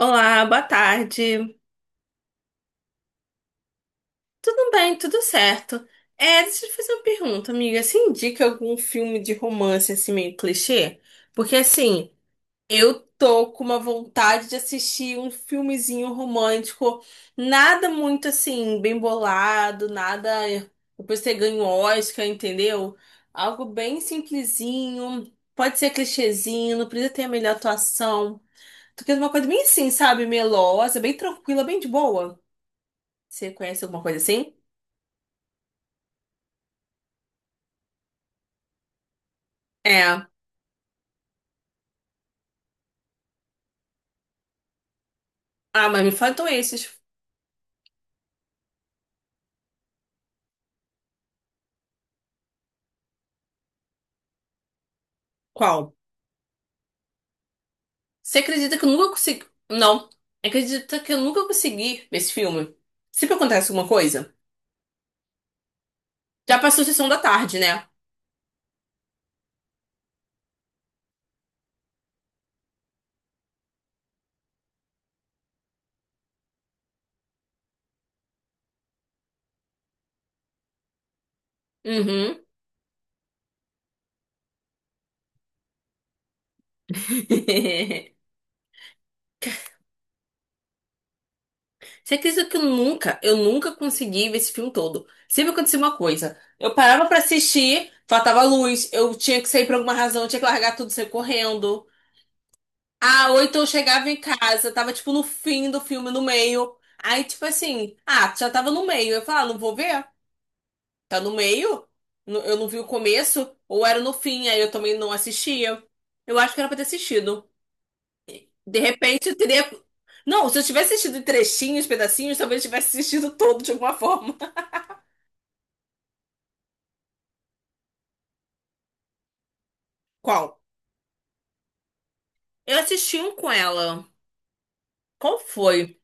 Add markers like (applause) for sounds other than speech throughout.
Olá, boa tarde. Tudo bem, tudo certo. Deixa eu te fazer uma pergunta, amiga. Você indica algum filme de romance assim meio clichê? Porque assim, eu tô com uma vontade de assistir um filmezinho romântico, nada muito assim bem bolado, nada depois você ganha um Oscar, entendeu? Algo bem simplesinho, pode ser clichêzinho, não precisa ter a melhor atuação. Tô querendo uma coisa bem assim, sabe? Melosa, bem tranquila, bem de boa. Você conhece alguma coisa assim? É. Ah, mas me faltam esses. Qual? Você acredita que eu nunca consegui. Não. Acredita que eu nunca consegui esse filme? Sempre acontece alguma coisa? Já passou a sessão da tarde, né? Uhum. (laughs) Você acredita que eu nunca consegui ver esse filme todo? Sempre acontecia uma coisa. Eu parava pra assistir, faltava luz, eu tinha que sair por alguma razão, eu tinha que largar tudo, e sair correndo. Ah, ou então eu chegava em casa, tava tipo no fim do filme, no meio. Aí, tipo assim, ah, já tava no meio. Eu falava, ah, não vou ver. Tá no meio? Eu não vi o começo, ou era no fim, aí eu também não assistia. Eu acho que era pra ter assistido. De repente eu teria. Não, se eu tivesse assistido em trechinhos, pedacinhos, talvez eu tivesse assistido todo de alguma forma. (laughs) Qual? Eu assisti um com ela. Qual foi?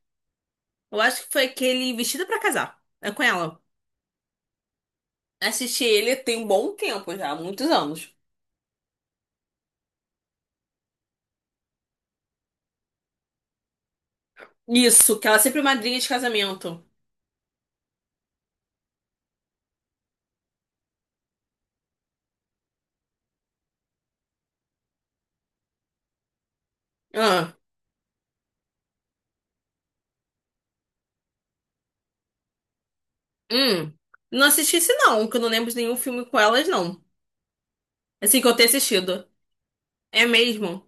Eu acho que foi aquele Vestida pra Casar. É com ela. Assisti ele tem um bom tempo já, muitos anos. Isso, que ela é sempre madrinha de casamento. Ah, hum. Não assisti esse não, que eu não lembro de nenhum filme com elas, não. É assim que eu tenho assistido. É mesmo?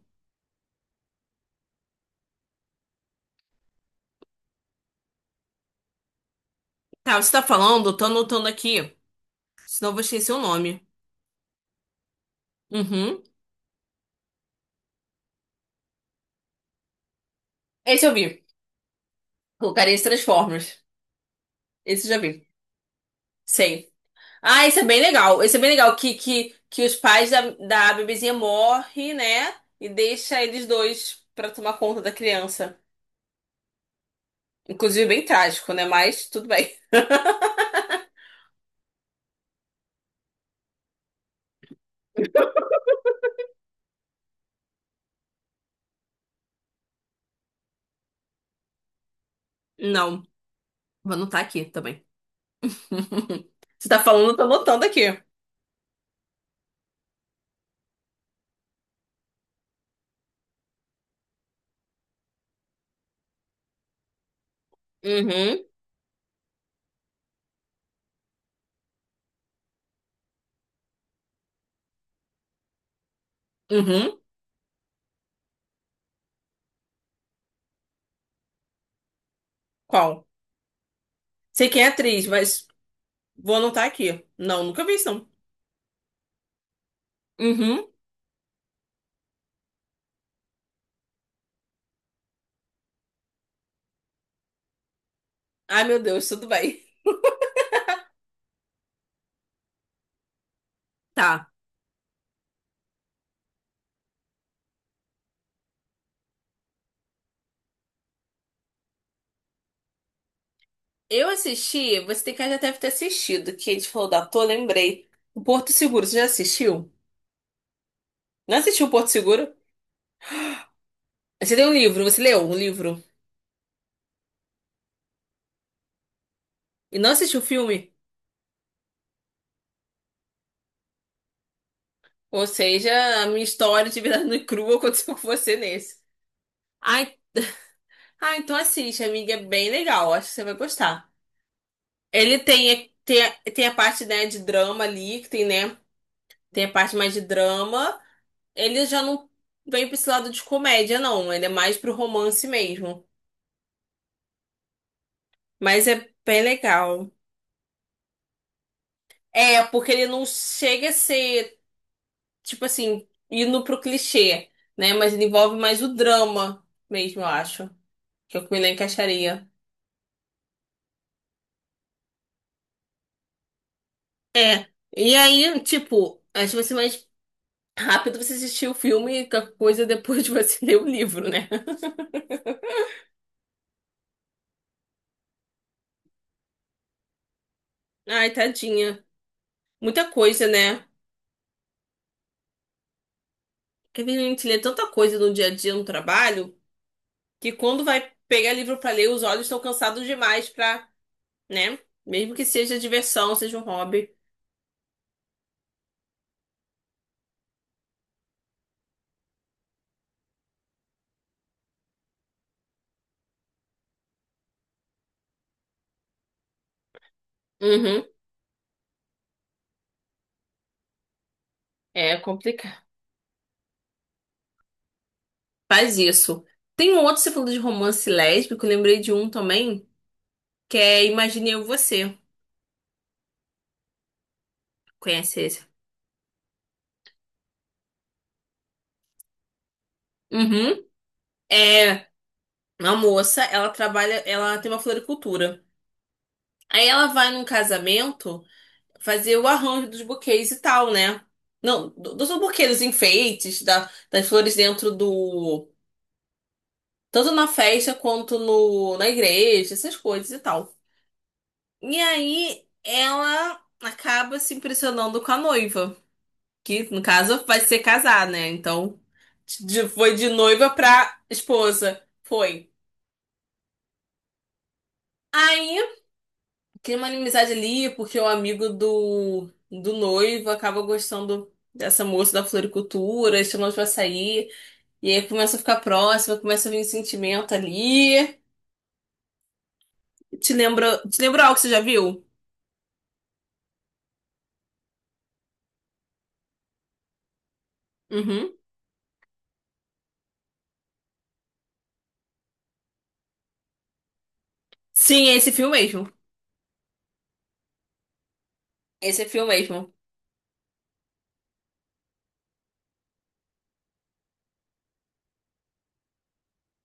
Tá, você tá falando, eu tô anotando aqui. Senão eu vou esquecer o nome. Uhum. Esse eu vi. O Carinha de Transformers. Esse eu já vi. Sei. Ah, esse é bem legal. Esse é bem legal. Que os pais da bebezinha morrem, né? E deixa eles dois pra tomar conta da criança. Inclusive, bem trágico, né? Mas tudo bem. (laughs) Não, vou anotar aqui também. (laughs) Você tá falando, eu tô anotando aqui. Uhum. Uhum. Qual? Sei quem é a atriz, mas vou anotar aqui. Não, nunca vi isso, não. Uhum. Ai, meu Deus, tudo bem. Tá. Eu assisti, você tem que já deve ter assistido, que a gente falou da Tô, lembrei. O Porto Seguro, você já assistiu? Não assistiu o Porto Seguro? Você tem um livro, você leu um livro e não assistiu o filme? Ou seja, a minha história de vida (laughs) nua e crua aconteceu com você nesse. Ai, ah, então assiste, amiga, é bem legal, acho que você vai gostar. Ele tem a parte, né, de drama ali, que tem, né? Tem a parte mais de drama. Ele já não vem pra esse lado de comédia, não. Ele é mais pro romance mesmo. Mas é bem legal. É, porque ele não chega a ser, tipo assim, indo pro clichê, né? Mas ele envolve mais o drama mesmo, eu acho. Que eu me encaixaria. É. E aí, tipo, acho que vai ser mais rápido você assistir o filme e a coisa depois de você (laughs) ler o livro, né? Ai, tadinha. Muita coisa, né? Porque a gente lê tanta coisa no dia a dia no trabalho que quando vai pegar livro pra ler, os olhos estão cansados demais pra, né? Mesmo que seja diversão, seja um hobby. Uhum. É complicado. Faz isso. Tem um outro, você falou de romance lésbico, eu lembrei de um também, que é Imagine Eu e Você. Conhece esse? Uhum. É uma moça, ela trabalha, ela tem uma floricultura. Aí ela vai num casamento, fazer o arranjo dos buquês e tal, né? Não, dos buquês, dos enfeites, da, das flores dentro do. Tanto na festa quanto no, na igreja, essas coisas e tal. E aí ela acaba se impressionando com a noiva, que no caso vai ser casar, né? Então foi de noiva pra esposa. Foi. Aí cria uma inimizade ali, porque o amigo do, do noivo acaba gostando dessa moça da floricultura, chamou pra sair. E aí começa a ficar próxima, começa a vir um sentimento ali. Te lembra, algo que você já viu? Uhum. Sim, é esse filme mesmo. Esse é filme mesmo.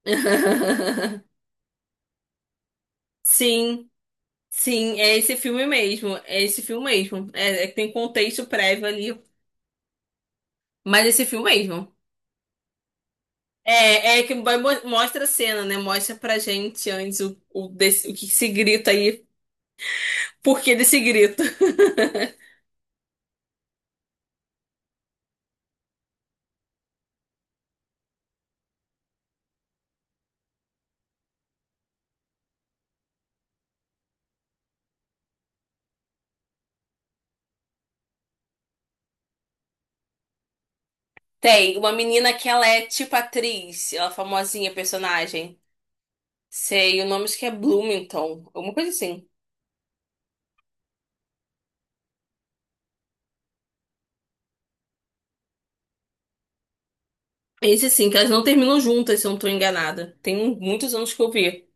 (laughs) Sim, sim, é esse filme mesmo. É esse filme mesmo. É, é que tem contexto prévio ali. Mas é esse filme mesmo. É, é que vai mostra a cena, né? Mostra pra gente antes o que se grita aí. Por que desse grito? Tem uma menina que ela é tipo atriz, ela é famosinha, personagem. Sei, o nome acho que é Bloomington, alguma coisa assim. Esse sim, que elas não terminam juntas, se eu não tô enganada. Tem um, muitos anos que eu vi.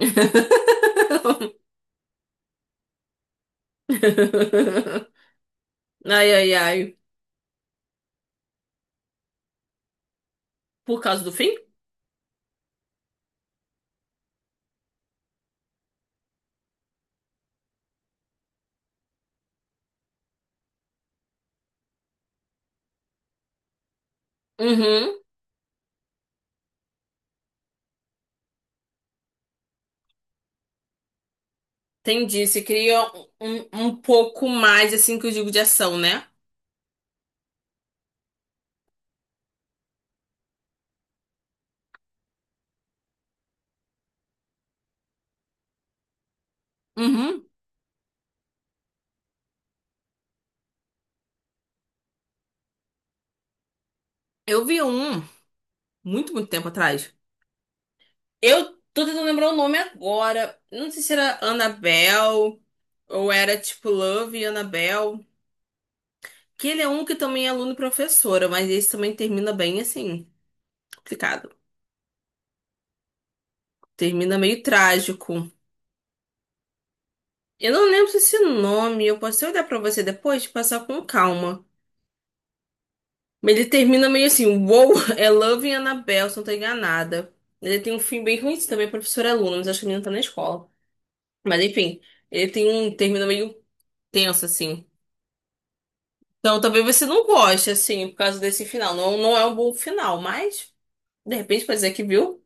(laughs) Ai, ai, ai. Por causa do fim? Uhum. Entendi. Se cria um pouco mais, assim, que eu digo de ação, né? Uhum. Eu vi um muito, muito tempo atrás. Eu tô tentando lembrar o nome agora. Não sei se era Annabelle ou era tipo Love e Annabelle. Que ele é um que também é aluno e professora, mas esse também termina bem assim, complicado. Termina meio trágico. Eu não lembro se esse nome, eu posso olhar pra você depois, passar com calma. Mas ele termina meio assim, wow, (laughs) é Love e Annabelle, se não tô enganada. Ele tem um fim bem ruim também, é professor e aluno, mas acho que ele não tá na escola. Mas enfim, ele tem um termina meio tenso assim. Então talvez você não goste, assim, por causa desse final. Não, não é um bom final, mas de repente pode dizer que viu.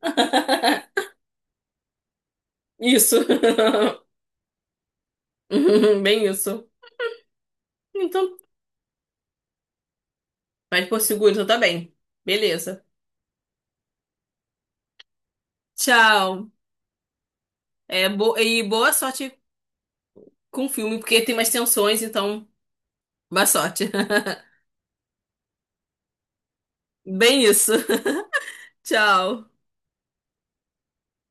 (laughs) Isso. (laughs) (laughs) Bem isso. Então, vai por seguro, então tá. Beleza. Tchau. É, e boa sorte com o filme, porque tem mais tensões, então, boa sorte. (laughs) Bem isso. (laughs) Tchau.